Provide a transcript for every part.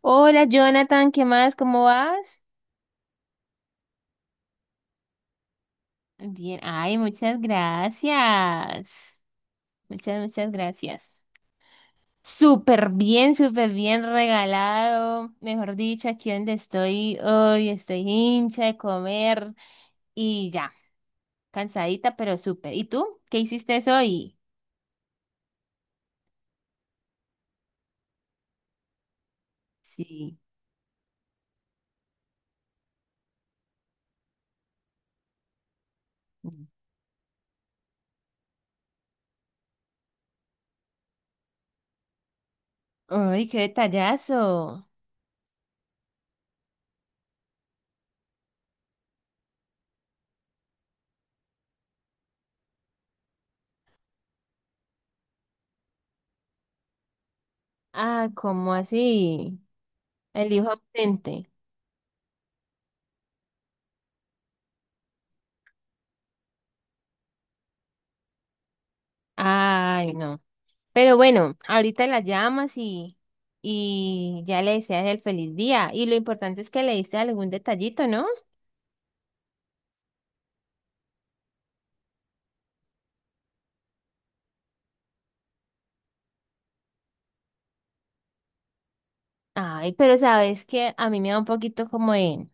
Hola Jonathan, ¿qué más? ¿Cómo vas? Bien, ay, muchas gracias. Muchas, muchas gracias. Súper bien regalado. Mejor dicho, aquí donde estoy hoy, estoy hincha de comer y ya, cansadita, pero súper. ¿Y tú? ¿Qué hiciste hoy? Sí. Ay, qué detallazo. Ah, ¿cómo así? El hijo ausente. Ay, no. Pero bueno, ahorita la llamas y ya le deseas el feliz día. Y lo importante es que le diste algún detallito, ¿no? Ay, pero sabes que a mí me da un poquito como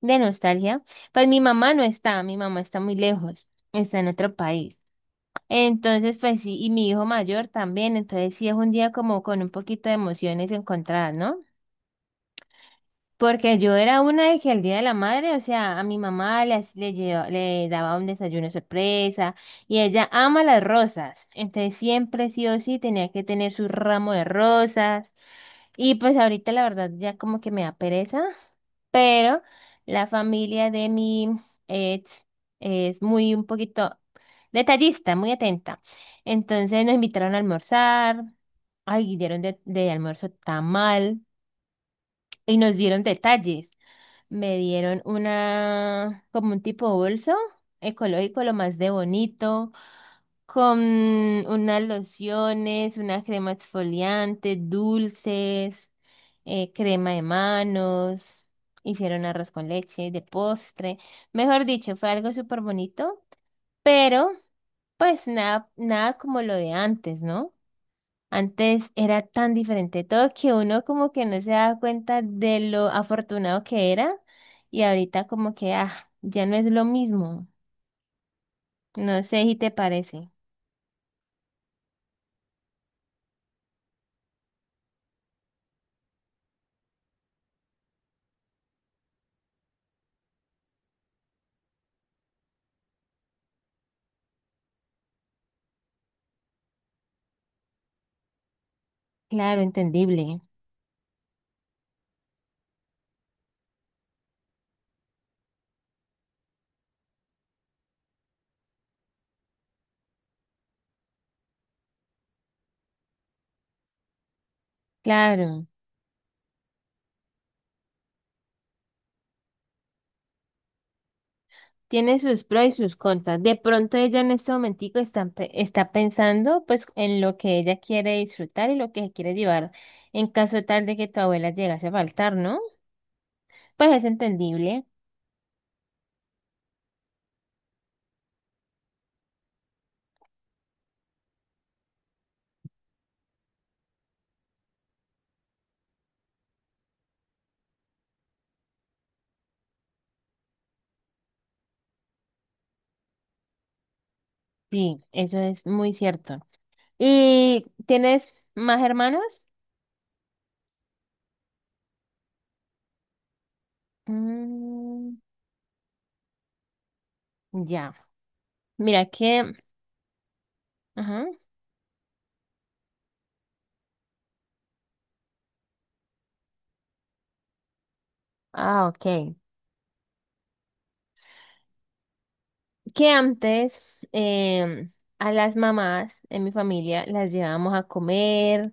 de nostalgia. Pues mi mamá no está, mi mamá está muy lejos, está en otro país. Entonces, pues sí, y mi hijo mayor también. Entonces sí es un día como con un poquito de emociones encontradas, ¿no? Porque yo era una de que el Día de la Madre, o sea, a mi mamá le, hac- le, lleva- le daba un desayuno sorpresa y ella ama las rosas. Entonces siempre sí o sí tenía que tener su ramo de rosas. Y pues ahorita la verdad ya como que me da pereza, pero la familia de mi ex es muy un poquito detallista, muy atenta. Entonces nos invitaron a almorzar. Ay, dieron de almuerzo tamal y nos dieron detalles. Me dieron una, como un tipo bolso ecológico, lo más de bonito, con unas lociones, una crema exfoliante, dulces, crema de manos, hicieron arroz con leche de postre. Mejor dicho, fue algo súper bonito, pero pues nada, nada como lo de antes, ¿no? Antes era tan diferente todo que uno como que no se daba cuenta de lo afortunado que era y ahorita como que ah, ya no es lo mismo. No sé si te parece. Claro, entendible. Claro. Tiene sus pros y sus contras. De pronto ella en este momentico está, pe- está pensando pues en lo que ella quiere disfrutar y lo que quiere llevar en caso tal de que tu abuela llegase a faltar, ¿no? Pues es entendible. Sí, eso es muy cierto. ¿Y tienes más hermanos? Mm, ya. Mira que... Ajá. Ah, ok. Que antes a las mamás en mi familia las llevábamos a comer,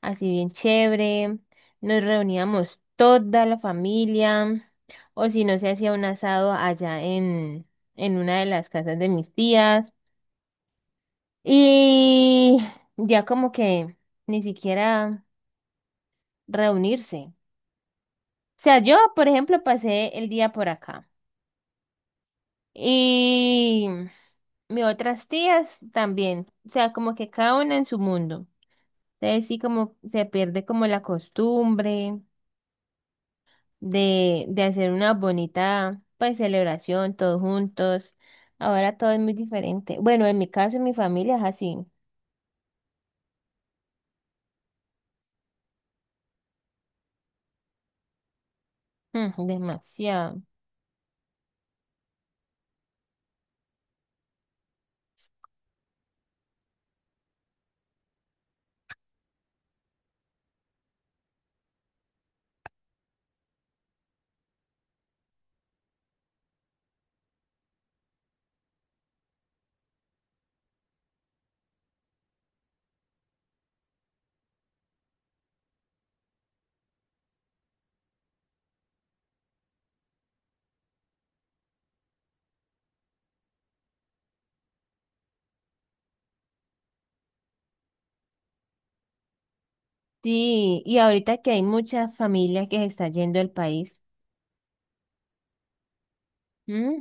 así bien chévere. Nos reuníamos toda la familia. O si no, se hacía un asado allá en una de las casas de mis tías. Y ya como que ni siquiera reunirse. O sea, yo, por ejemplo, pasé el día por acá. Y mis otras tías también. O sea, como que cada una en su mundo. Entonces sí como se pierde como la costumbre de hacer una bonita pues celebración todos juntos. Ahora todo es muy diferente. Bueno, en mi caso, en mi familia es así. Mm, demasiado. Sí, y ahorita que hay muchas familias que se está yendo del país. Mm,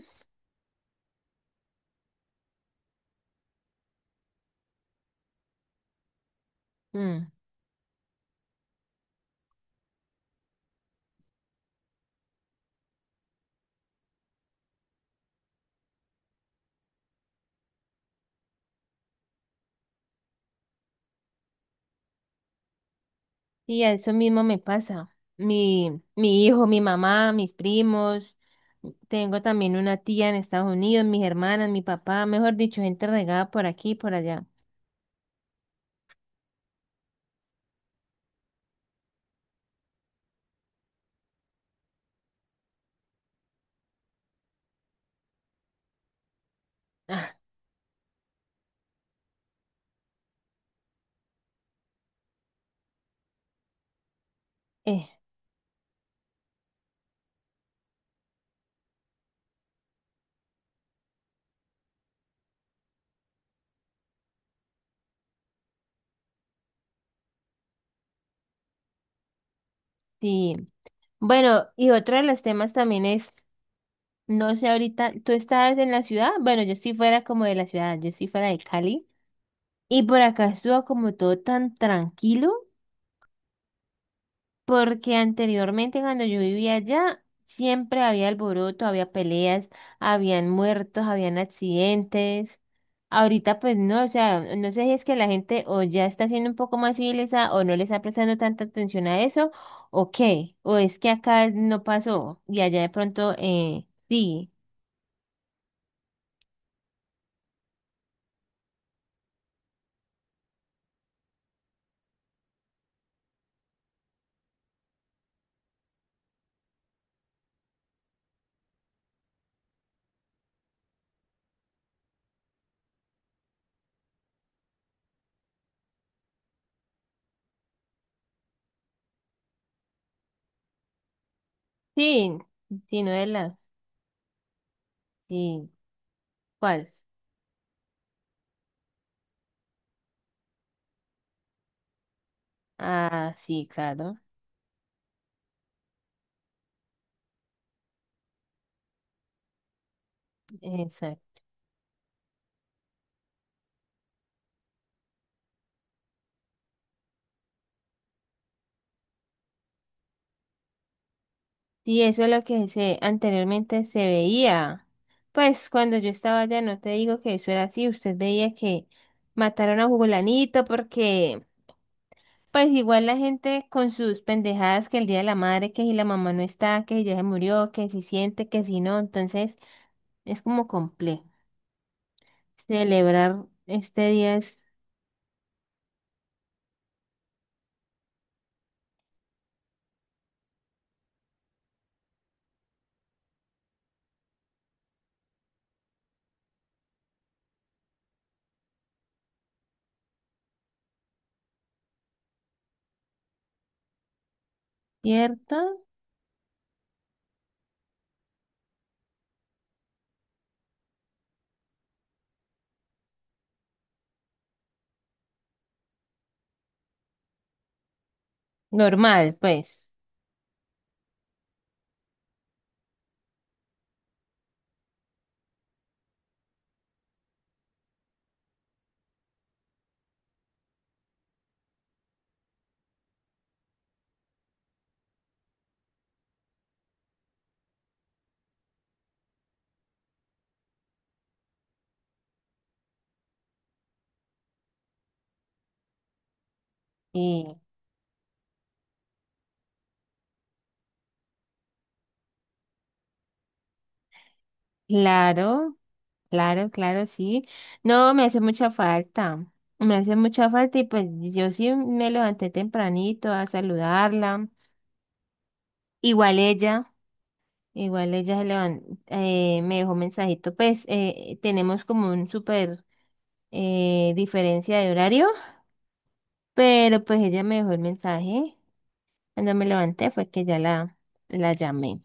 mm. Y a eso mismo me pasa. Mi hijo, mi mamá, mis primos, tengo también una tía en Estados Unidos, mis hermanas, mi papá, mejor dicho, gente regada por aquí y por allá. Ah, eh, sí. Bueno, y otro de los temas también es, no sé, ahorita, ¿tú estabas en la ciudad? Bueno, yo sí fuera como de la ciudad, yo sí fuera de Cali. Y por acá estuvo como todo tan tranquilo. Porque anteriormente cuando yo vivía allá, siempre había alboroto, había peleas, habían muertos, habían accidentes. Ahorita pues no, o sea, no sé si es que la gente o ya está siendo un poco más civilizada o no le está prestando tanta atención a eso, o qué, o es que acá no pasó y allá de pronto sí, sí, sí, no de las, sí, ¿cuál? Ah, sí, claro. Y eso es lo que se anteriormente se veía. Pues cuando yo estaba allá, no te digo que eso era así, usted veía que mataron a Jugolanito porque pues igual la gente con sus pendejadas que el día de la madre, que si la mamá no está, que si ya se murió, que si siente, que si no, entonces es como complejo. Celebrar este día es cierto, normal, pues. Y claro. Claro, claro, sí. No, me hace mucha falta. Me hace mucha falta y pues yo sí me levanté tempranito a saludarla. Igual ella, igual ella se levan- me dejó mensajito. Pues tenemos como un súper diferencia de horario, pero pues ella me dejó el mensaje. Cuando me levanté fue que ya la llamé.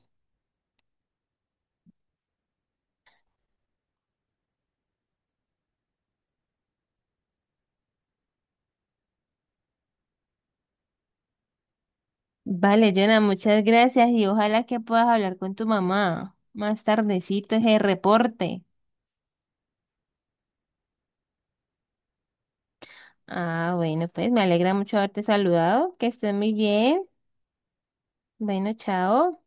Vale, Jonah, muchas gracias y ojalá que puedas hablar con tu mamá más tardecito ese reporte. Ah, bueno, pues me alegra mucho haberte saludado. Que estés muy bien. Bueno, chao.